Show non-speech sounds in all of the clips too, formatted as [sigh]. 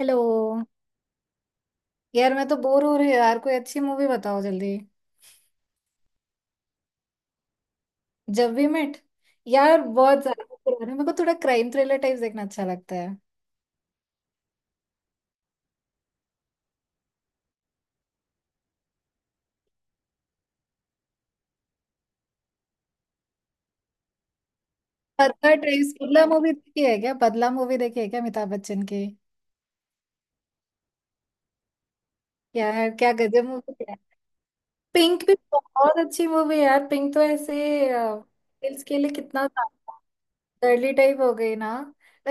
Hello. यार मैं तो बोर हो रही हूँ यार, कोई अच्छी मूवी बताओ जल्दी। जब वी मेट? यार बहुत ज्यादा पुरानी। मेरे को थोड़ा क्राइम थ्रिलर टाइप देखना अच्छा लगता है। बदला टाइप, बदला मूवी देखी है क्या? बदला मूवी देखी है क्या, अमिताभ बच्चन की? यार क्या गजब मूवी है। पिंक भी बहुत अच्छी मूवी है यार। पिंक तो ऐसे रील्स के लिए कितना डर्ली टाइप हो गई ना।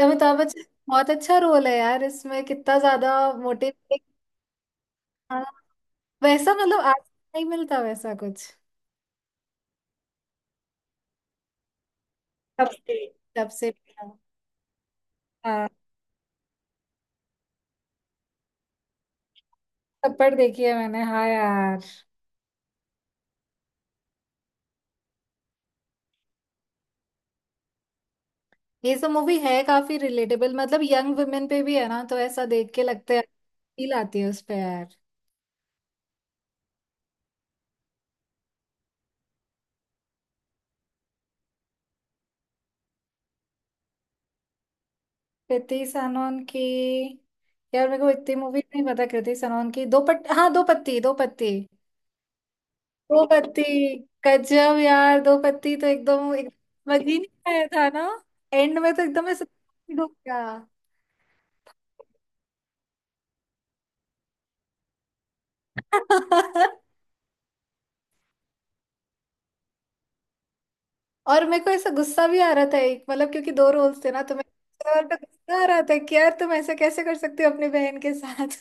अमिताभ बच्चन का बहुत अच्छा रोल है यार इसमें। कितना ज्यादा मोटिव वैसा, मतलब आज नहीं मिलता वैसा कुछ। तब से, तब से। हाँ, थप्पड़ देखी है मैंने, हाँ यार। ये सब मूवी है काफी रिलेटेबल, मतलब यंग वुमेन पे भी है ना, तो ऐसा देख के लगता है, फील आती है उस पे यार। कृति सनोन की। यार मेरे को इतनी मूवी नहीं पता कृति सनोन की। दो पट हाँ दो पत्ती, दो पत्ती, दो पत्ती। गजब यार, दो पत्ती तो एकदम एकदम समझ ही नहीं आया था ना। एंड में तो एकदम ऐसे डूब गया। [laughs] और मेरे को ऐसा गुस्सा भी आ रहा था, एक मतलब क्योंकि दो रोल्स थे ना, तो मैं और तो गुस्सा आ रहा था कि यार तुम ऐसा कैसे कर सकती हो अपनी बहन के साथ।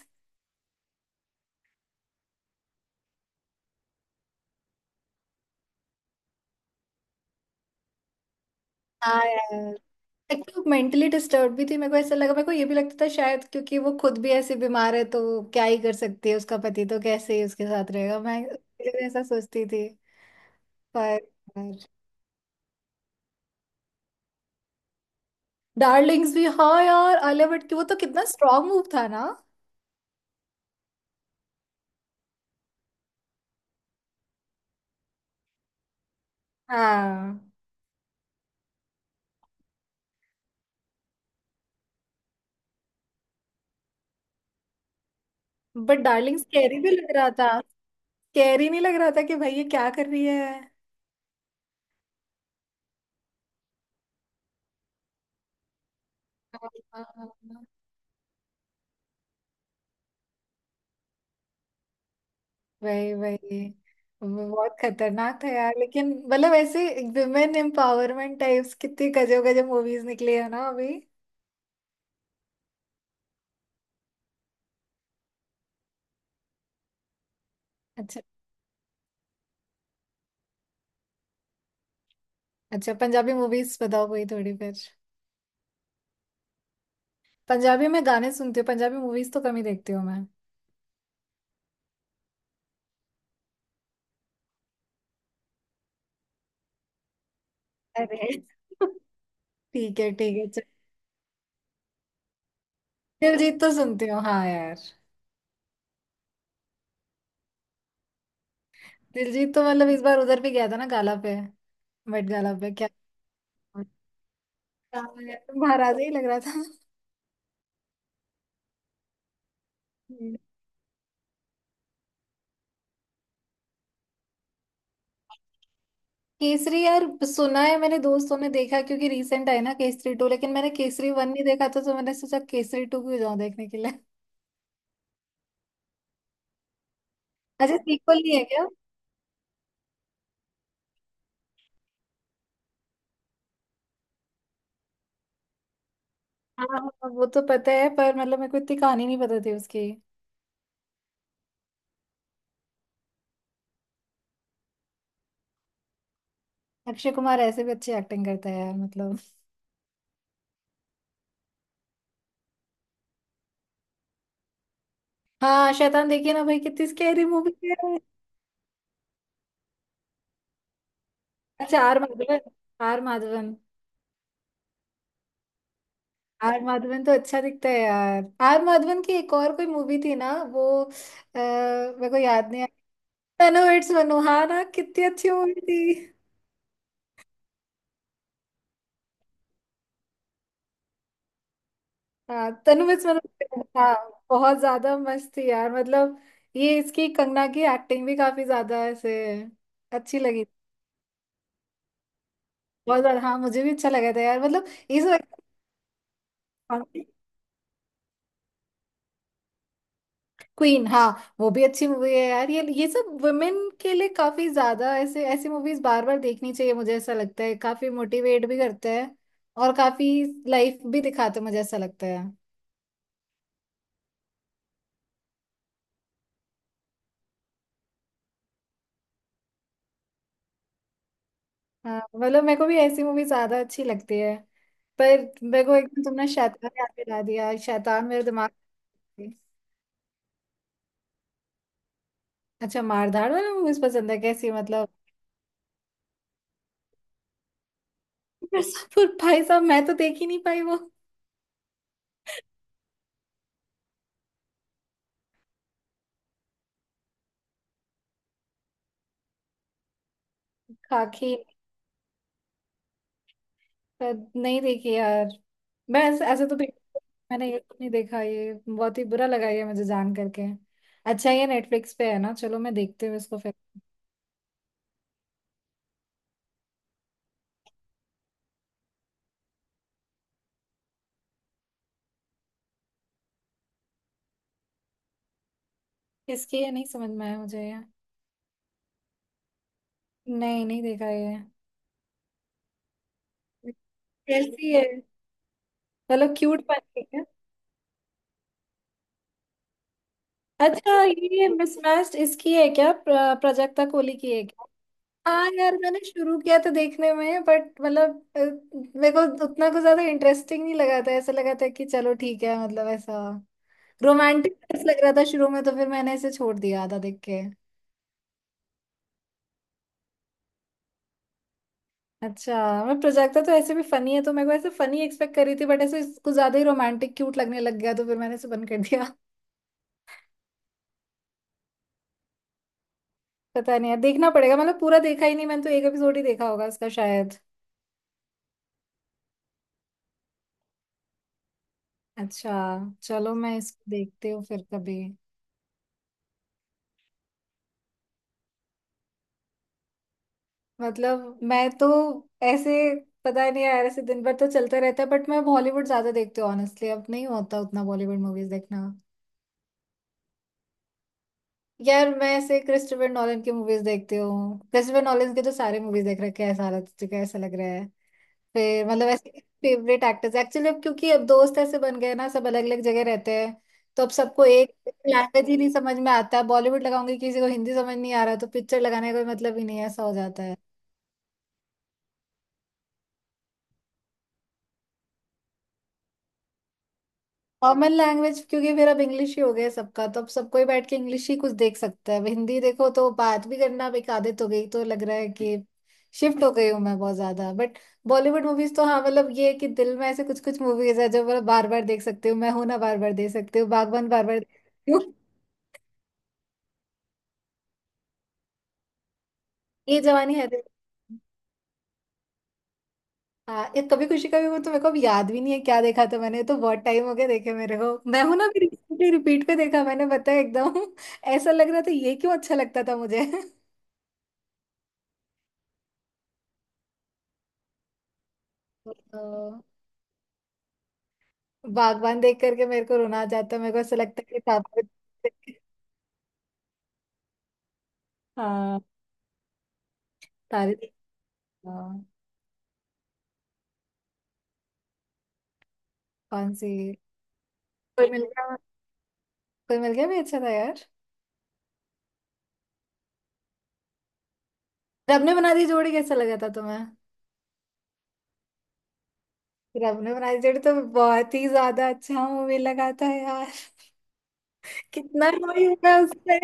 हाँ यार, एक्चुअली मेंटली डिस्टर्ब भी थी, मेरे को ऐसा लगा। मेरे को ये भी लगता था शायद क्योंकि वो खुद भी ऐसी बीमार है तो क्या ही कर सकती है, उसका पति तो कैसे ही उसके साथ रहेगा, मैं इसलिए ऐसा सोचती थी पर। डार्लिंग्स भी, हाँ यार आलिया भट्ट की, वो तो कितना स्ट्रांग मूव था ना। हाँ बट डार्लिंग स्कैरी भी लग रहा था। स्कैरी नहीं लग रहा था कि भाई ये क्या कर रही है। हाँ, हाँ, हाँ। वही, वही वो बहुत खतरनाक था यार, लेकिन मतलब ऐसे विमेन एम्पावरमेंट टाइप्स कितनी गजब गजब मूवीज निकली है ना अभी। अच्छा। अच्छा पंजाबी मूवीज बताओ कोई थोड़ी फिर। पंजाबी में गाने सुनती हूँ, पंजाबी मूवीज तो कम ही देखती हूँ मैं। अरे, ठीक है, ठीक है चल। दिलजीत तो सुनती हूँ, हाँ यार। दिलजीत तो मतलब इस बार उधर भी गया था ना, गाला पे। मेट गाला पे क्या। हाँ यार, महाराजा ही लग रहा था। केसरी। यार सुना है मैंने, दोस्तों ने देखा क्योंकि रिसेंट आई ना केसरी टू, लेकिन मैंने केसरी वन नहीं देखा था तो मैंने सोचा केसरी टू क्यों जाऊं देखने के लिए। [laughs] अच्छा सीक्वल नहीं है क्या? हाँ। हाँ, वो तो पता है पर मतलब मेरे को इतनी कहानी नहीं पता थी उसकी। अक्षय कुमार ऐसे भी अच्छी एक्टिंग करता है यार, मतलब। हाँ, शैतान देखिए ना भाई, कितनी स्कैरी मूवी है। अच्छा, R Madhavan. R Madhavan. R Madhavan तो अच्छा दिखता है यार। आर माधवन की एक और कोई मूवी थी ना वो, मेरे को याद नहीं आ। तनु इट्स मनु, हाँ ना कितनी अच्छी मूवी थी। हाँ, तनु मिस मनोज, हाँ। बहुत ज्यादा मस्त थी यार, मतलब ये इसकी कंगना की एक्टिंग भी काफी ज्यादा ऐसे अच्छी लगी, बहुत ज्यादा। हाँ मुझे भी अच्छा लगा था यार, मतलब ये सब। क्वीन, हाँ। वो भी अच्छी मूवी है यार। ये सब वुमेन के लिए काफी ज्यादा ऐसे ऐसी मूवीज बार बार देखनी चाहिए, मुझे ऐसा लगता है। काफी मोटिवेट भी करते हैं और काफी लाइफ भी दिखाते हैं, मुझे ऐसा लगता है। हाँ मतलब मेरे को भी ऐसी मूवी ज्यादा अच्छी लगती है। पर मेरे को एकदम तुमने शैतान याद दिला दिया, शैतान मेरे दिमाग में। अच्छा मारधाड़ वाली मूवीज पसंद है, कैसी मतलब? मिर्जापुर भाई साहब, मैं तो देख ही नहीं पाई वो। खाकी पर नहीं देखी यार। मैं ऐसे, ऐसे तो मैंने ये नहीं देखा, ये बहुत ही बुरा लगा ये मुझे जान करके। अच्छा ये नेटफ्लिक्स पे है ना, चलो मैं देखती हूँ इसको फिर। किसकी है, नहीं समझ में आया मुझे ये। नहीं, नहीं देखा ये। कैसी है, मतलब क्यूट वाली? अच्छा ये मिसमैच्ड इसकी है क्या, प्राजक्ता कोहली की है क्या? हाँ यार मैंने शुरू किया तो देखने में, बट मतलब अ, मेरे को उतना कुछ ज्यादा इंटरेस्टिंग नहीं लगा था, ऐसा लगा था कि चलो ठीक है, मतलब ऐसा रोमांटिक लग रहा था शुरू में, तो फिर मैंने इसे छोड़ दिया आधा देख के। अच्छा मैं, प्रोजेक्टा तो ऐसे भी फनी है तो मेरे को ऐसे फनी एक्सपेक्ट कर रही थी, बट ऐसे कुछ ज्यादा ही रोमांटिक क्यूट लगने लग गया, तो फिर मैंने इसे बंद कर दिया। [laughs] पता नहीं यार, देखना पड़ेगा। मतलब पूरा देखा ही नहीं मैंने तो, एक एपिसोड ही देखा होगा उसका शायद। अच्छा, चलो मैं इसको देखती हूँ फिर कभी। मतलब मैं तो ऐसे, पता नहीं यार, ऐसे दिन भर तो चलते रहता है, बट मैं बॉलीवुड ज्यादा देखती हूँ ऑनेस्टली, अब नहीं होता उतना बॉलीवुड मूवीज देखना। यार मैं ऐसे क्रिस्टोफर नॉलन की मूवीज देखती हूँ, क्रिस्टोफर नॉलन के तो सारे मूवीज देख रखे हैं। सारा तुझे कैसा लग रहा है? फिर मतलब ऐसे फेवरेट एक्टर्स। एक्चुअली अब क्योंकि अब दोस्त ऐसे बन गए ना, सब अलग अलग जगह रहते हैं, तो अब सबको एक लैंग्वेज ही नहीं समझ में आता। बॉलीवुड लगाऊंगी किसी को हिंदी समझ नहीं आ रहा, तो पिक्चर लगाने का कोई मतलब ही नहीं है, ऐसा हो जाता है। कॉमन लैंग्वेज क्योंकि फिर अब इंग्लिश ही हो गया है सबका, तो अब सबको ही बैठ के इंग्लिश ही कुछ देख सकता है। अब हिंदी देखो तो बात भी करना अब एक आदत हो गई, तो लग रहा है कि शिफ्ट हो गई हूँ मैं बहुत ज्यादा। बट बॉलीवुड मूवीज तो हाँ, मतलब ये है कि दिल में ऐसे कुछ कुछ मूवीज है जो मैं बार बार देख सकती हूँ। मैं हूं ना बार बार देख सकती हूँ, बागबान बार बार। ये जवानी है दीवानी। हाँ, ये कभी खुशी कभी गम तो मेरे को अब याद भी नहीं है क्या देखा था मैंने। ये तो बहुत टाइम हो गया देखे मेरे को, मैं हूं ना अभी रिसेंटली रिपीट पे देखा मैंने, पता है एकदम [laughs] ऐसा लग रहा था ये क्यों अच्छा लगता था मुझे। [laughs] तो, बागबान देख करके मेरे को रोना आ जाता है। मेरे को ऐसा लगता है कि तारे। हाँ तारे। हाँ, कौन सी? कोई मिल गया। कोई मिल गया भी अच्छा था यार। रब ने बना दी जोड़ी कैसा लगा था तुम्हें? रब ने बना दी जोड़ी तो बहुत ही ज्यादा अच्छा मूवी लगा था यार, कितना रोई हूँ मैं उससे।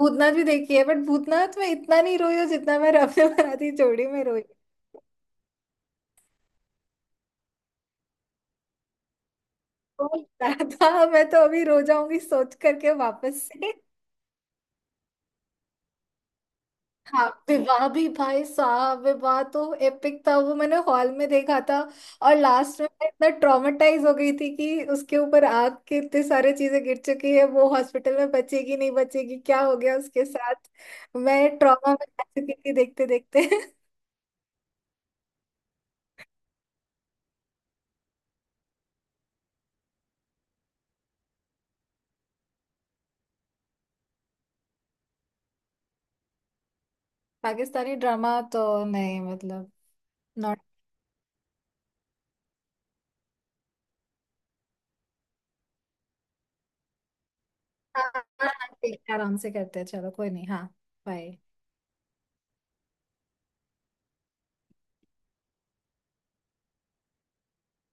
भूतनाथ भी देखी है बट भूतनाथ में इतना नहीं रोई हूँ जितना मैं रफे बराती जोड़ी में रोई। बहुत ज्यादा, मैं तो अभी रो जाऊंगी सोच करके वापस से। हाँ, विवाह भी भाई साहब, विवाह तो एपिक था। वो मैंने हॉल में देखा था, और लास्ट में मैं इतना ट्रॉमेटाइज हो गई थी कि उसके ऊपर आग के इतने सारे चीजें गिर चुकी है, वो हॉस्पिटल में बचेगी, नहीं बचेगी, क्या हो गया उसके साथ। मैं ट्रॉमा में आ चुकी थी देखते देखते। [laughs] पाकिस्तानी ड्रामा तो नहीं, मतलब। हाँ हाँ, हाँ, ठीक है, आराम से करते हैं, चलो कोई नहीं, हाँ। बाय।